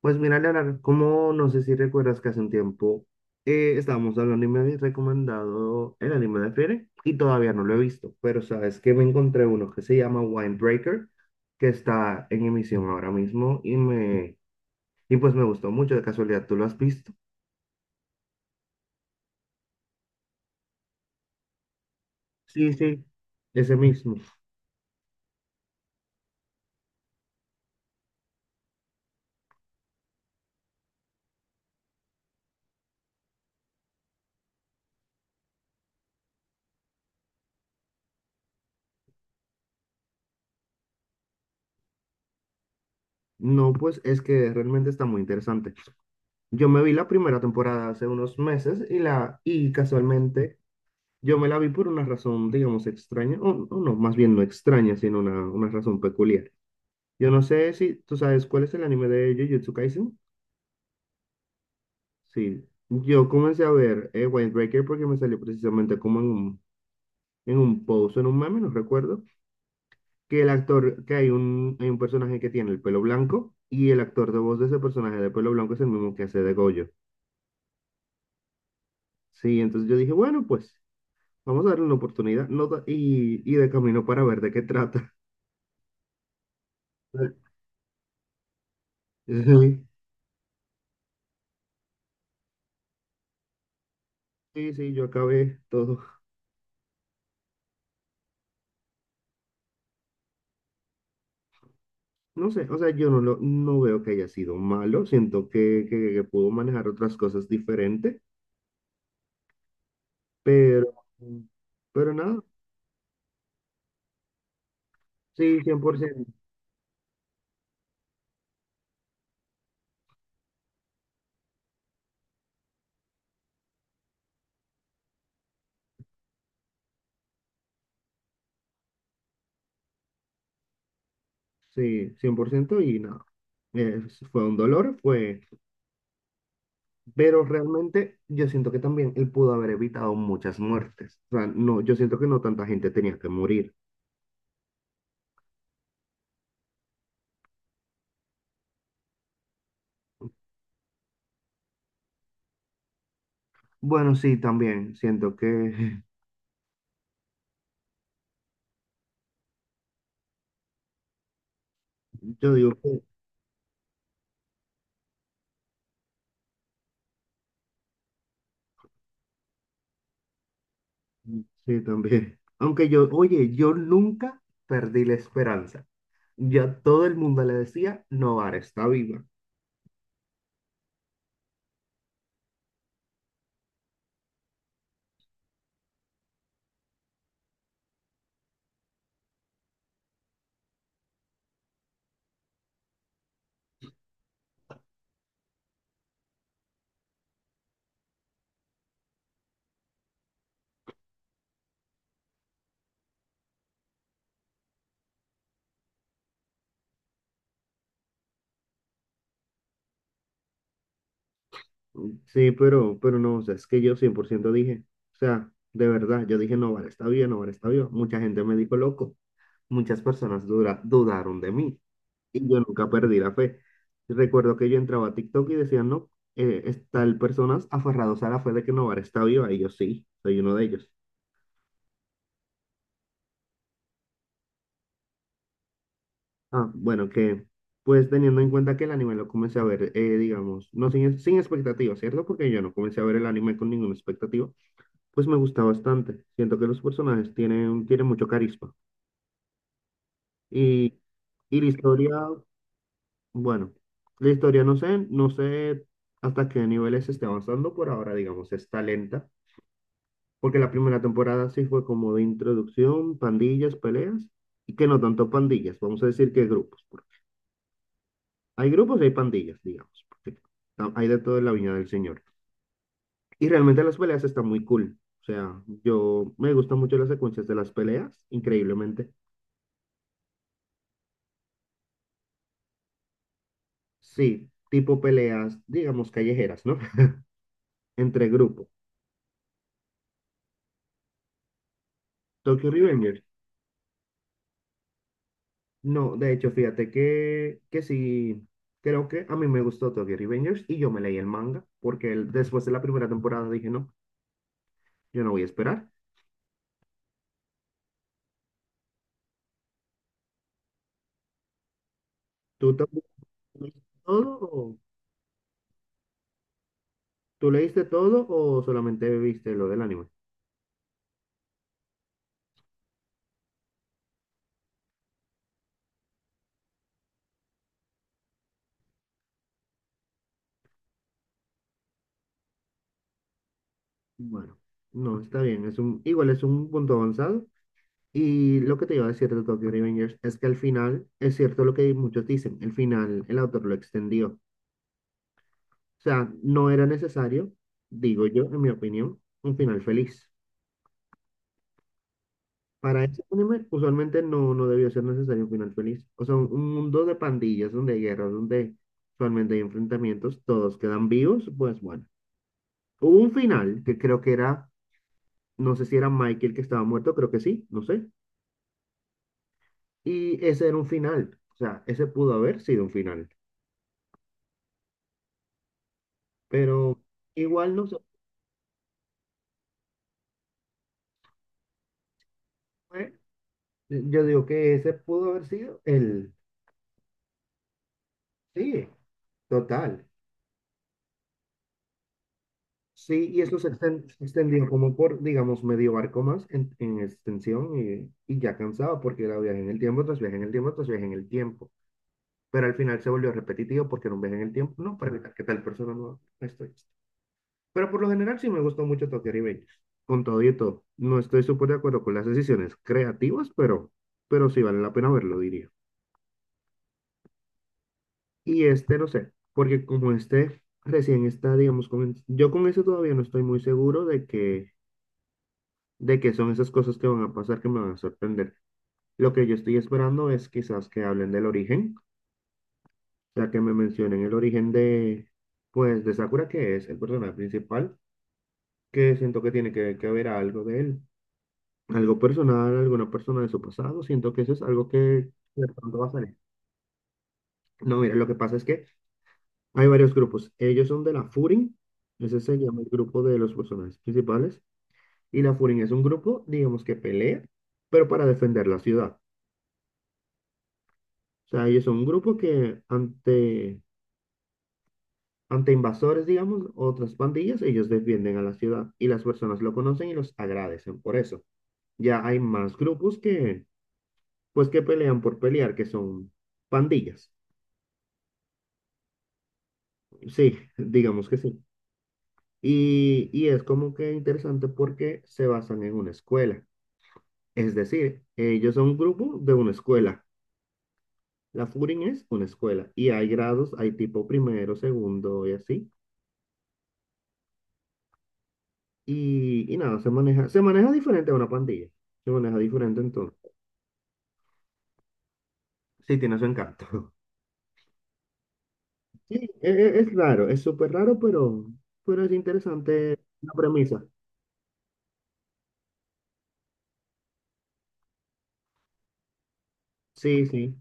Pues mira, Leonardo, como no sé si recuerdas que hace un tiempo estábamos hablando y me habías recomendado el anime de Frieren y todavía no lo he visto, pero sabes que me encontré uno que se llama Winebreaker, que está en emisión ahora mismo y pues me gustó mucho, de casualidad, ¿tú lo has visto? Sí, sí, ese mismo. No, pues es que realmente está muy interesante. Yo me vi la primera temporada hace unos meses y casualmente yo me la vi por una razón, digamos, extraña, o no, más bien no extraña, sino una razón peculiar. Yo no sé si tú sabes cuál es el anime de Jujutsu Kaisen. Sí, yo comencé a ver Windbreaker porque me salió precisamente como en un post, en un meme, no recuerdo, que hay un personaje que tiene el pelo blanco y el actor de voz de ese personaje de pelo blanco es el mismo que hace de Gojo. Sí, entonces yo dije, bueno, pues vamos a darle una oportunidad no, y de camino para ver de qué trata. Sí. Sí, sí, yo acabé todo. No sé, o sea, yo no lo, no veo que haya sido malo. Siento que, que pudo manejar otras cosas diferentes, pero, pero nada, sí, cien por ciento. Sí, 100% y nada. Fue un dolor, fue, pero realmente yo siento que también él pudo haber evitado muchas muertes. O sea, no, yo siento que no tanta gente tenía que morir. Bueno, sí, también siento que yo digo que sí, también. Aunque yo, oye, yo nunca perdí la esperanza. Ya todo el mundo le decía, Novara está viva. Sí, pero no, o sea, es que yo 100% dije, o sea, de verdad, yo dije, Novara está viva, Novara está viva. Mucha gente me dijo loco. Muchas personas dudaron de mí y yo nunca perdí la fe. Recuerdo que yo entraba a TikTok y decían, no, está el personas aferrados a la fe de que Novara está viva y yo sí, soy uno de ellos. Ah, bueno, que pues teniendo en cuenta que el anime lo comencé a ver, digamos, no sin expectativa, ¿cierto? Porque yo no comencé a ver el anime con ninguna expectativa, pues me gusta bastante. Siento que los personajes tienen, tienen mucho carisma. Y, y la historia, bueno, la historia no sé, no sé hasta qué niveles se esté avanzando por ahora, digamos, está lenta, porque la primera temporada sí fue como de introducción, pandillas, peleas, y que no tanto pandillas, vamos a decir que grupos. Hay grupos y hay pandillas, digamos, porque hay de todo en la Viña del Señor. Y realmente las peleas están muy cool. O sea, yo me gustan mucho las secuencias de las peleas, increíblemente. Sí, tipo peleas, digamos, callejeras, ¿no? Entre grupo. Tokyo Revengers. No, de hecho, fíjate que sí, creo que a mí me gustó Tokyo Revengers y yo me leí el manga porque después de la primera temporada dije, no, yo no voy a esperar. ¿Tú también leíste todo? ¿Tú leíste todo o solamente viste lo del anime? Bueno, no, está bien, igual es un punto avanzado. Y lo que te iba a decir de Tokyo Revengers es que al final, es cierto lo que muchos dicen, el final el autor lo extendió. O sea, no era necesario, digo yo, en mi opinión, un final feliz. Para ese anime, usualmente no, no debió ser necesario un final feliz. O sea, un mundo de pandillas, donde hay guerras, donde usualmente hay enfrentamientos, todos quedan vivos, pues bueno. Hubo un final que creo que era, no sé si era Michael que estaba muerto, creo que sí, no sé. Y ese era un final, o sea, ese pudo haber sido un final, pero igual no se fue. Yo digo que ese pudo haber sido el, sí, total. Sí, y eso se se extendió como por, digamos, medio barco más en extensión y ya cansado porque era viaje en el tiempo, tras viaje en el tiempo, tras viaje en el tiempo. Pero al final se volvió repetitivo porque era un viaje en el tiempo, no, para evitar que tal persona no estoy. Pero por lo general sí me gustó mucho Tokyo Revengers. Con todo y todo. No estoy súper de acuerdo con las decisiones creativas, pero sí vale la pena verlo, diría. Y este no sé, porque como este recién está, digamos, yo con eso todavía no estoy muy seguro de que son esas cosas que van a pasar que me van a sorprender. Lo que yo estoy esperando es quizás que hablen del origen, o sea, que me mencionen el origen de, pues, de Sakura, que es el personaje principal, que siento que tiene que haber algo de él, algo personal, alguna persona de su pasado. Siento que eso es algo que de pronto va a salir. No, mira, lo que pasa es que hay varios grupos. Ellos son de la Furin, ese se llama el grupo de los personajes principales. Y la Furin es un grupo, digamos, que pelea, pero para defender la ciudad. O sea, ellos son un grupo que ante invasores, digamos, otras pandillas, ellos defienden a la ciudad y las personas lo conocen y los agradecen por eso. Ya hay más grupos que, pues, que pelean por pelear, que son pandillas. Sí, digamos que sí. Y es como que interesante porque se basan en una escuela. Es decir, ellos son un grupo de una escuela. La Furin es una escuela y hay grados, hay tipo primero, segundo y así. Y nada, se maneja diferente a una pandilla. Se maneja diferente en todo. Sí, tiene su encanto. Sí, es raro, es súper raro, pero es interesante la premisa. Sí, sí.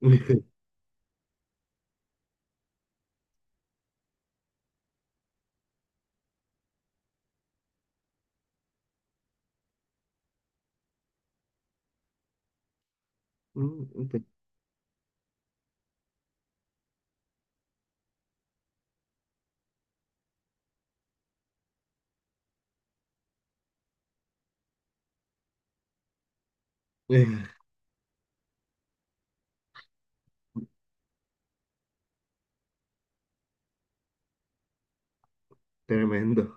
Mm, te- Tremendo.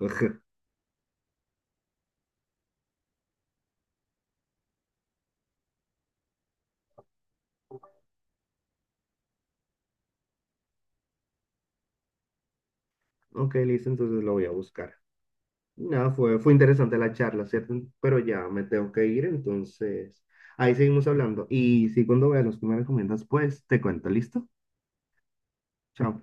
Ok, listo, entonces lo voy a buscar. Nada, fue, fue interesante la charla, ¿cierto? Pero ya me tengo que ir, entonces ahí seguimos hablando. Y si cuando veas los que me recomiendas, pues te cuento, ¿listo? Chao.